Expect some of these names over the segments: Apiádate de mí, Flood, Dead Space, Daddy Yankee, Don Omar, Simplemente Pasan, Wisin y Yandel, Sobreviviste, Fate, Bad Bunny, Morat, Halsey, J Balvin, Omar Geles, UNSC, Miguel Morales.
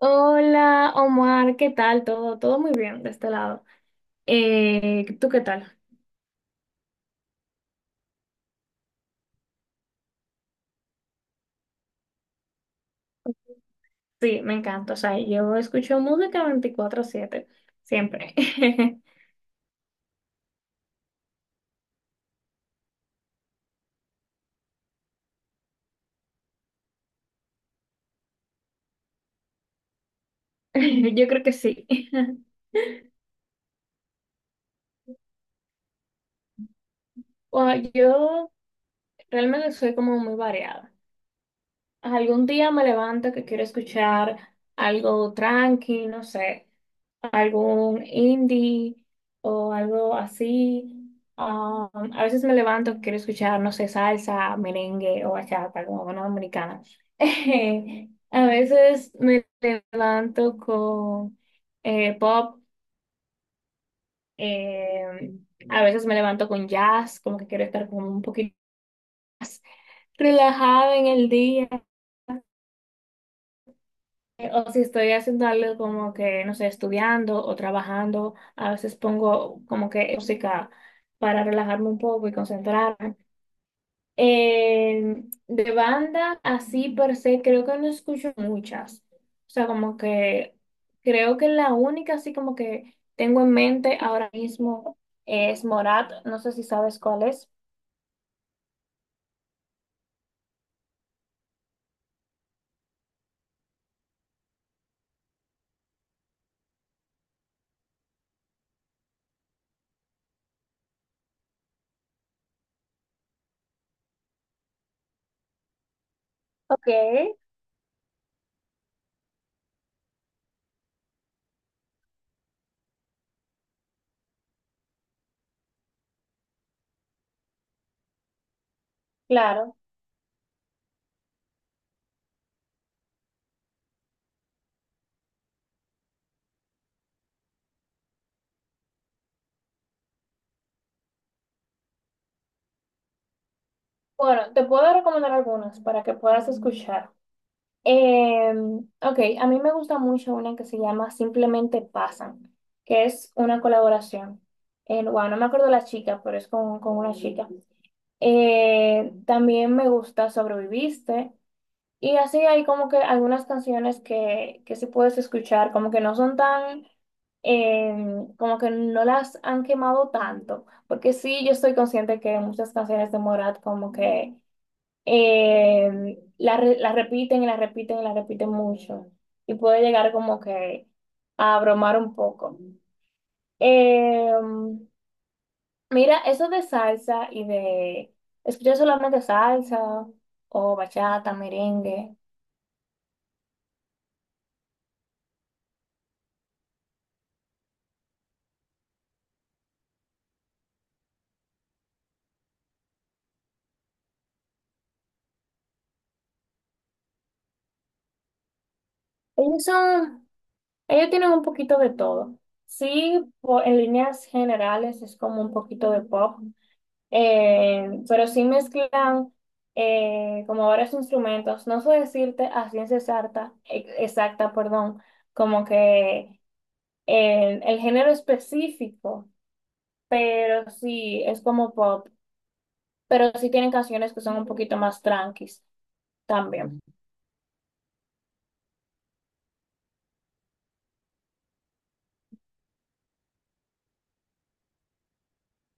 Hola Omar, ¿qué tal? Todo muy bien de este lado. ¿Tú qué tal? Sí, me encanta. O sea, yo escucho música 24/7 siempre. Yo creo que sí. Bueno, yo realmente soy como muy variada. Algún día me levanto que quiero escuchar algo tranqui, no sé. Algún indie o algo así. Um, a veces me levanto, quiero escuchar, no sé, salsa, merengue o bachata, como una dominicana. A veces me levanto con pop, eh, a veces me levanto con jazz, como que quiero estar como un poquito más relajada en el día. O si estoy haciendo algo como que, no sé, estudiando o trabajando, a veces pongo como que música para relajarme un poco y concentrarme. Eh, de banda, así per se, creo que no escucho muchas. O sea, como que creo que la única así como que tengo en mente ahora mismo es Morat. No sé si sabes cuál es. Ok, claro. Bueno, te puedo recomendar algunas para que puedas escuchar. Eh, ok, a mí me gusta mucho una que se llama Simplemente Pasan, que es una colaboración. Bueno, no me acuerdo la chica, pero es con una chica. También me gusta Sobreviviste. Y así hay como que algunas canciones que sí puedes escuchar, como que no son tan, eh, como que no las han quemado tanto. Porque sí, yo estoy consciente que muchas canciones de Morat como que la, la repiten y la repiten y la repiten mucho. Y puede llegar como que a bromar un poco. Eh, Mira, eso de salsa y de escuchar solamente salsa o bachata, merengue, ellos son, ellos tienen un poquito de todo. Sí, en líneas generales es como un poquito de pop. Pero sí mezclan como varios instrumentos. No sé decirte a ciencia exacta, exacta, perdón, como que el género específico, pero sí es como pop. Pero sí tienen canciones que son un poquito más tranquis también.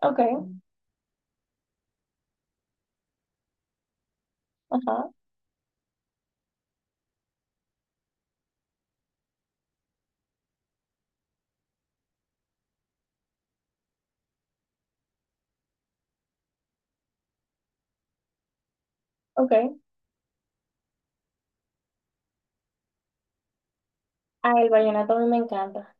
Ok, ajá, ok. Ah, el vallenato a mí me encanta.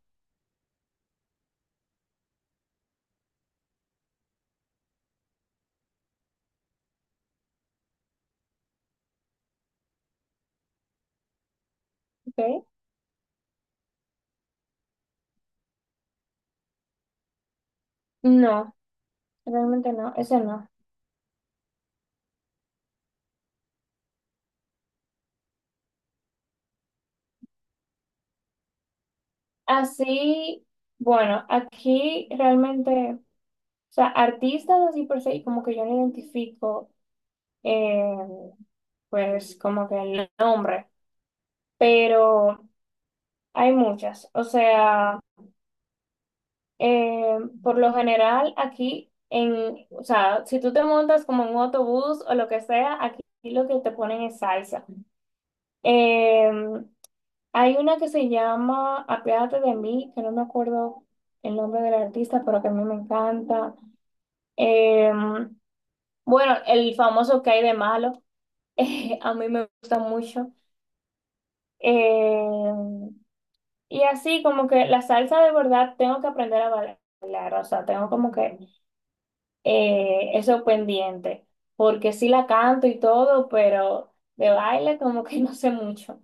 Ok. No, realmente no, ese no. Así, bueno, aquí realmente. O sea, artistas así por se, como que yo no identifico, eh, pues como que el nombre, pero hay muchas. O sea, eh, por lo general aquí, en, o sea, si tú te montas como en un autobús o lo que sea, aquí lo que te ponen es salsa. Eh, Hay una que se llama Apiádate de mí, que no me acuerdo el nombre del artista, pero que a mí me encanta. Eh, bueno, el famoso que hay de malo. A mí me gusta mucho. Eh, y así como que la salsa de verdad tengo que aprender a bailar, o sea, tengo como que eso pendiente, porque sí la canto y todo, pero de baile como que no sé mucho.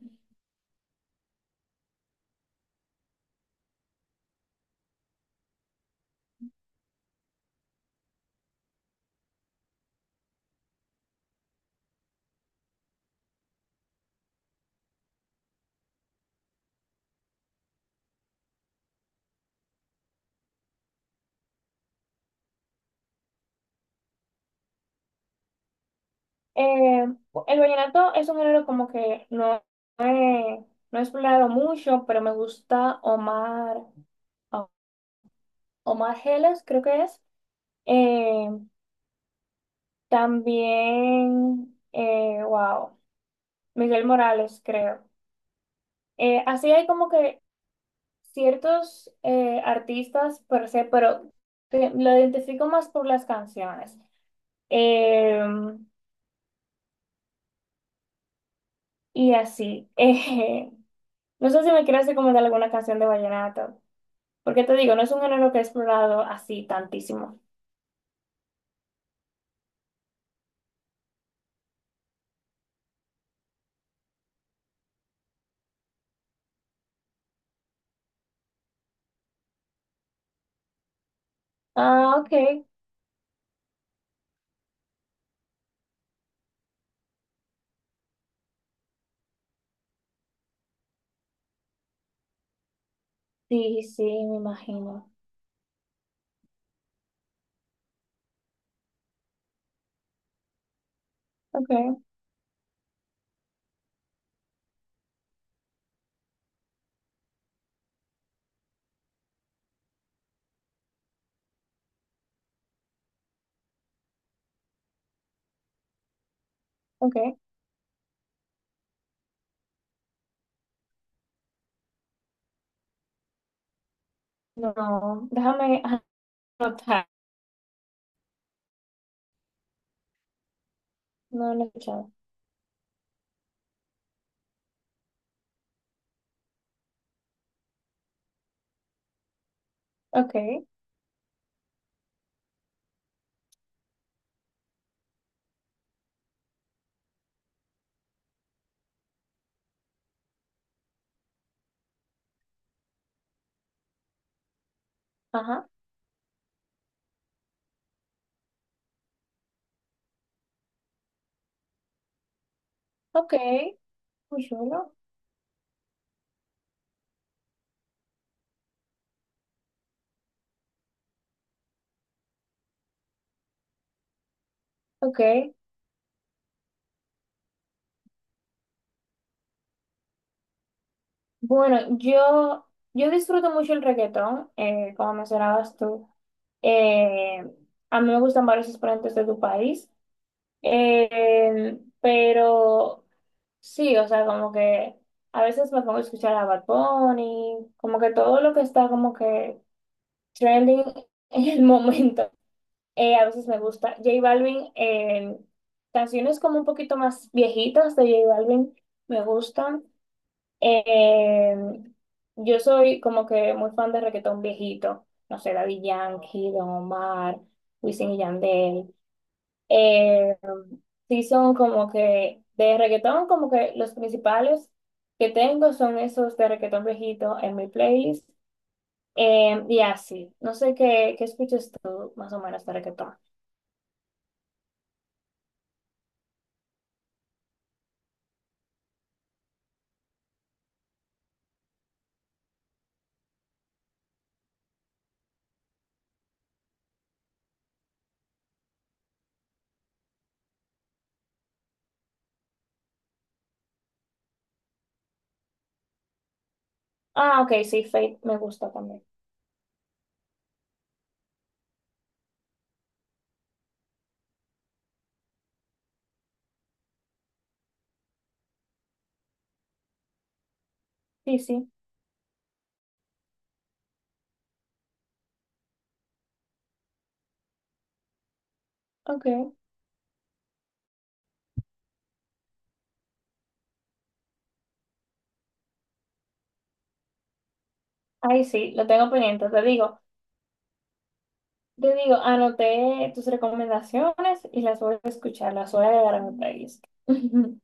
Eh, el vallenato es un género como que no, he, no he explorado mucho, pero me gusta Omar, Omar Geles, creo que es. Eh, También, wow. Miguel Morales, creo. Así hay como que ciertos artistas per se, pero lo identifico más por las canciones. Eh, y así. No sé si me quieres recomendar alguna canción de vallenato, porque te digo, no es un género que he explorado así tantísimo. Ah, ok. Sí, sí, me imagino. Ok, ok. No, déjame anotar. No, no he escuchado. Ok, ajá. Ok, muy chulo. Ok. Bueno, yo disfruto mucho el reggaetón, como mencionabas tú. Eh, a mí me gustan varios exponentes de tu país. Pero sí, o sea, como que a veces me pongo a escuchar a Bad Bunny, como que todo lo que está como que trending en el momento, a veces me gusta. J Balvin, canciones como un poquito más viejitas de J Balvin me gustan. Eh, yo soy como que muy fan de reggaetón viejito, no sé, Daddy Yankee, Don Omar, Wisin y Yandel. Eh, sí son como que de reggaetón, como que los principales que tengo son esos de reggaetón viejito en mi playlist. Y así, no sé qué, qué escuchas tú más o menos de reggaetón. Ah, ok, sí, Fate me gusta también. Sí, sí, ok. Ahí sí, lo tengo pendiente, te digo. Yo digo, anoté tus recomendaciones y las voy a escuchar, las voy a agregar a mi playlist.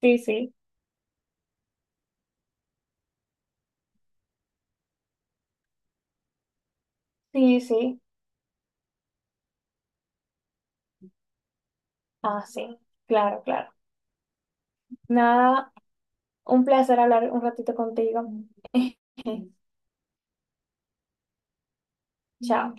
Sí, sí, sí, sí. Ah, sí, claro, claro. Nada, un placer hablar un ratito contigo. Chao.